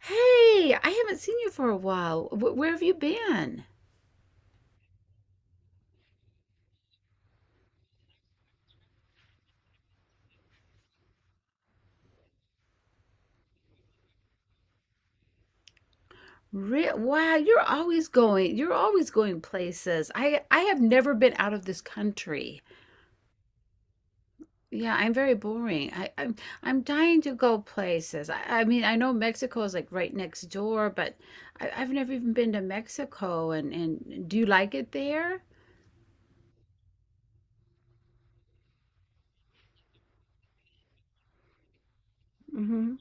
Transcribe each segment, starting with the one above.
Hey, I haven't seen you for a while. Where have you been? Wow, you're always going. You're always going places. I have never been out of this country. Yeah, I'm very boring. I'm I'm dying to go places. I mean, I know Mexico is like right next door, but I've never even been to Mexico. And do you like it there? Mm-hmm.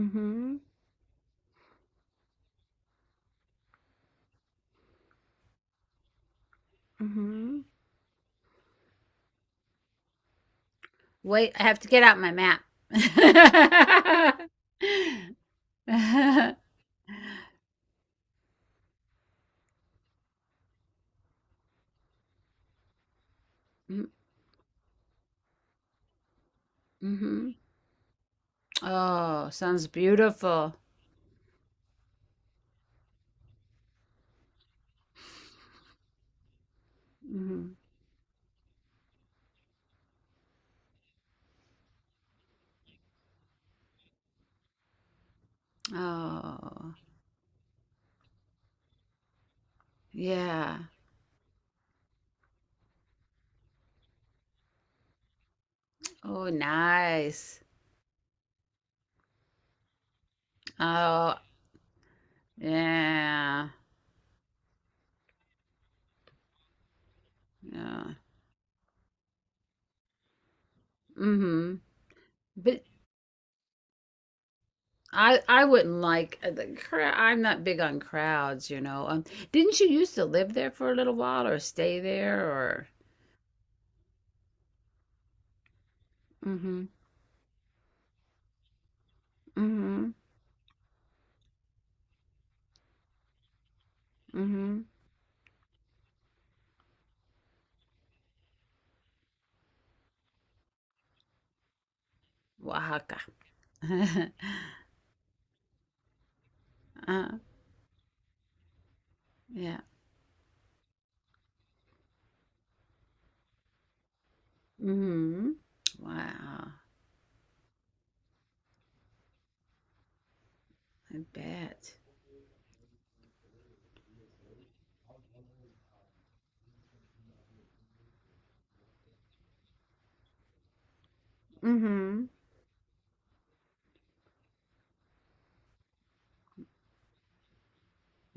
Mm-hmm. Mm-hmm. Wait, I have to get out my map. Mm-hmm. Oh, sounds beautiful. Mhm. Oh, yeah. Oh, nice. Oh, yeah. Yeah. Mm hmm. But I wouldn't like the crowd. I'm not big on crowds, Didn't you used to live there for a little while or stay there or? Mm-hmm. Mm-hmm. Mm-hmm. Oaxaca. Uh, yeah. Mm-hmm. Wow. I bet. Mm-hmm.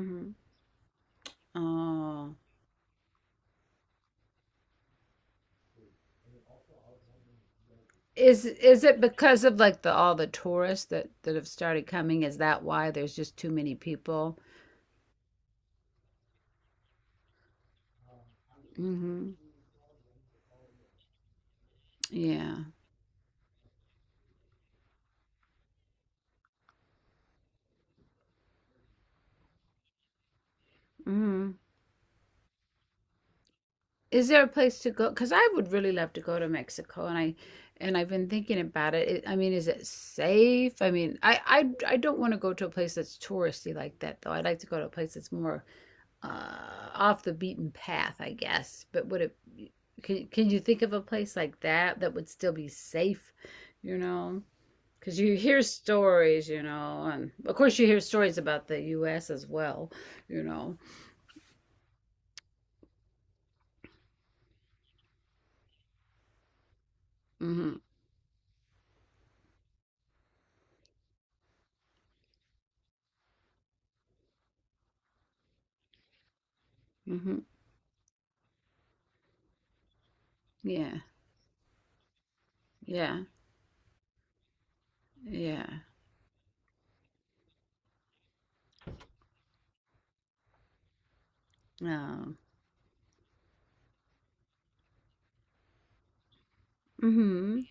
Mm-hmm. Oh. Is it because of like the all the tourists that have started coming? Is that why there's just too many people? Hmm. Yeah. Hmm. Is there a place to go? Because I would really love to go to Mexico, and I and I've been thinking about it. I mean, is it safe? I mean, I don't want to go to a place that's touristy like that, though. I'd like to go to a place that's more off the beaten path, I guess. But would it? Can you think of a place like that that would still be safe? You know, because you hear stories, and of course you hear stories about the U.S. as well. You know. Mhm. Mhm. Yeah. Yeah. Yeah. Um. Mhm.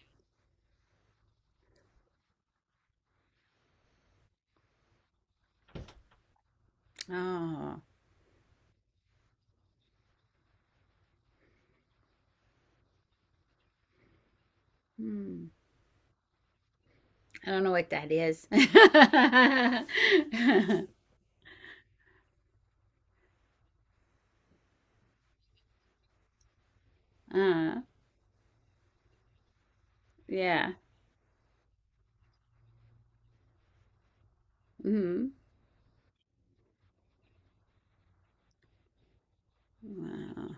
Oh. Hmm. I don't know what that is. Uh, yeah. Mhm. Wow.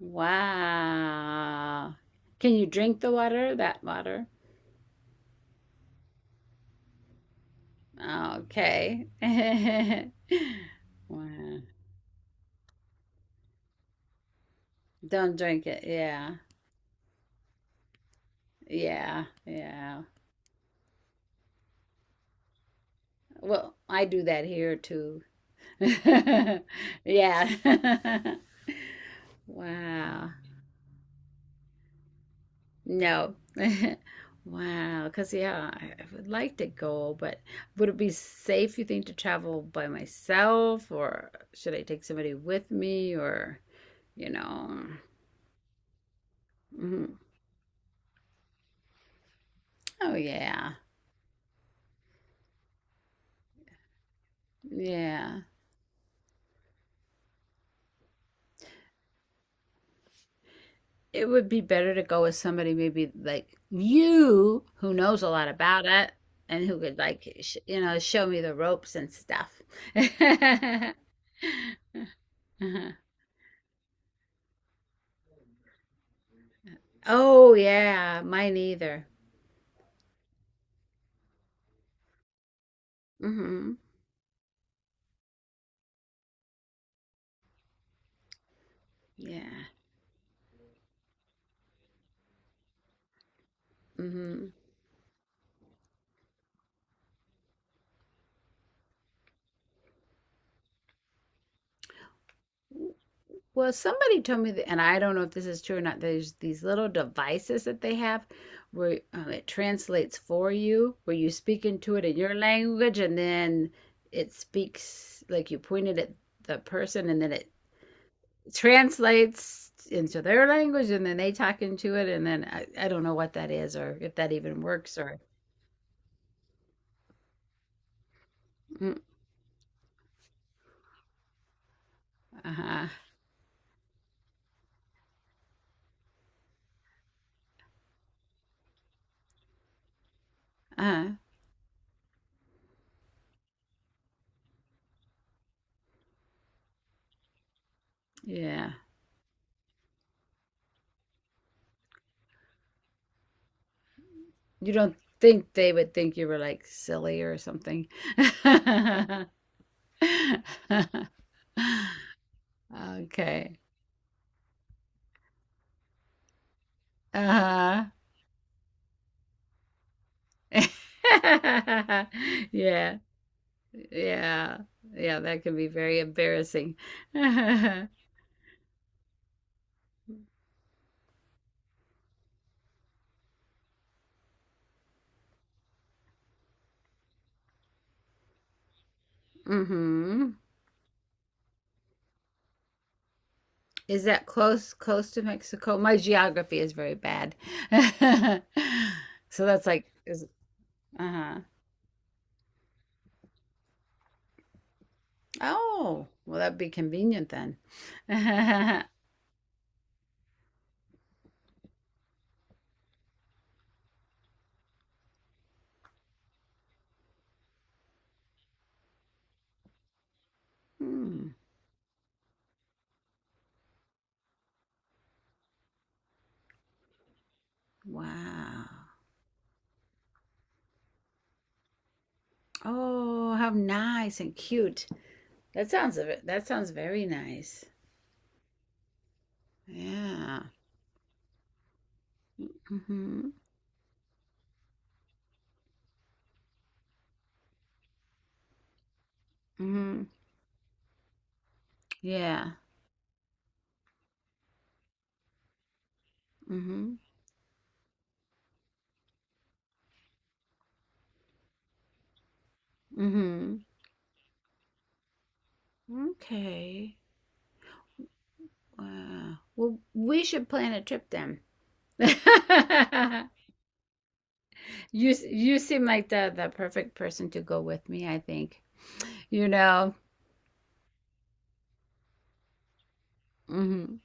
Wow. Can you drink the water? That water? Okay. Wow. Don't drink it. Yeah. Yeah. Yeah. Well, I do that here too. Yeah. Wow. No. Wow. Because, yeah, I would like to go, but would it be safe, you think, to travel by myself, or should I take somebody with me, or, you know? Mhm. Oh, yeah. Yeah. It would be better to go with somebody maybe like you who knows a lot about it and who could like sh you know show me the ropes and stuff. Uh-huh. Oh yeah, mine either. Mhm. Yeah. Mhm. Well, somebody told me that, and I don't know if this is true or not. There's these little devices that they have where it translates for you, where you speak into it in your language, and then it speaks like you pointed at the person, and then it translates into their language, and then they talk into it, and then I don't know what that is or if that even works or mm, uh-huh, uh-huh, yeah. You don't think they would think you were like silly or something. Okay. Uh-huh. Yeah. Yeah. Yeah, that can be very embarrassing. Mhm. Is that close to Mexico? My geography is very bad. So that's like is uh-huh. Oh, well that'd be convenient then. Hmm. Wow. Oh, how nice and cute. That sounds a bit, that sounds very nice. Yeah. Mhm. Mhm. Yeah. Mhm. Mhm. Okay. Wow. Well, we should plan a trip then. You seem like the perfect person to go with me, I think. You know. Mhm.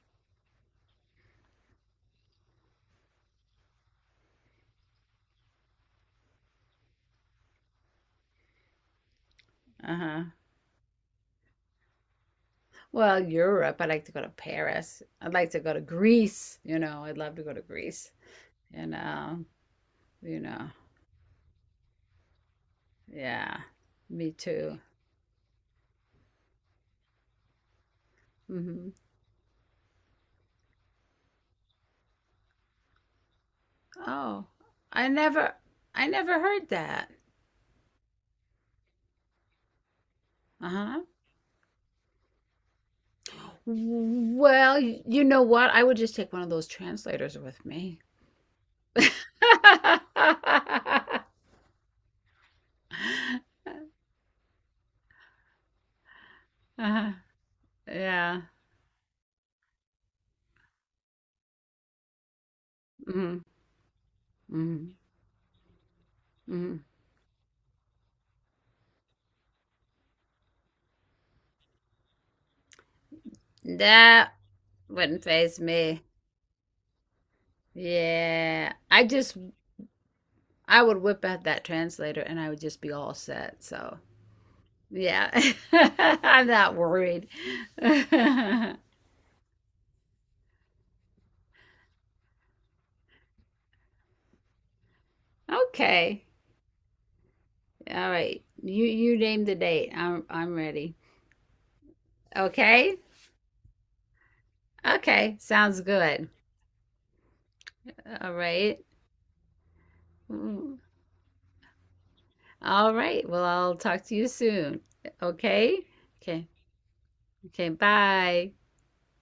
Uh-huh. Well, Europe. I'd like to go to Paris. I'd like to go to Greece. You know, I'd love to go to Greece. You know. You know. Yeah. Me too. Mhm. Oh, I never I never heard that. Uh-huh. Well, you know what? I would just take one of those translators with me. Uh-huh. Yeah. Mm-hmm. Mm-hmm. Mm-hmm. That wouldn't faze me. Yeah. I just, I would whip out that translator and I would just be all set. So, yeah. I'm not worried. Okay. All right. You name the date. I'm ready. Okay? Okay. Sounds good. All right. Mm. All right. Well, I'll talk to you soon. Okay? Okay. Okay. Bye.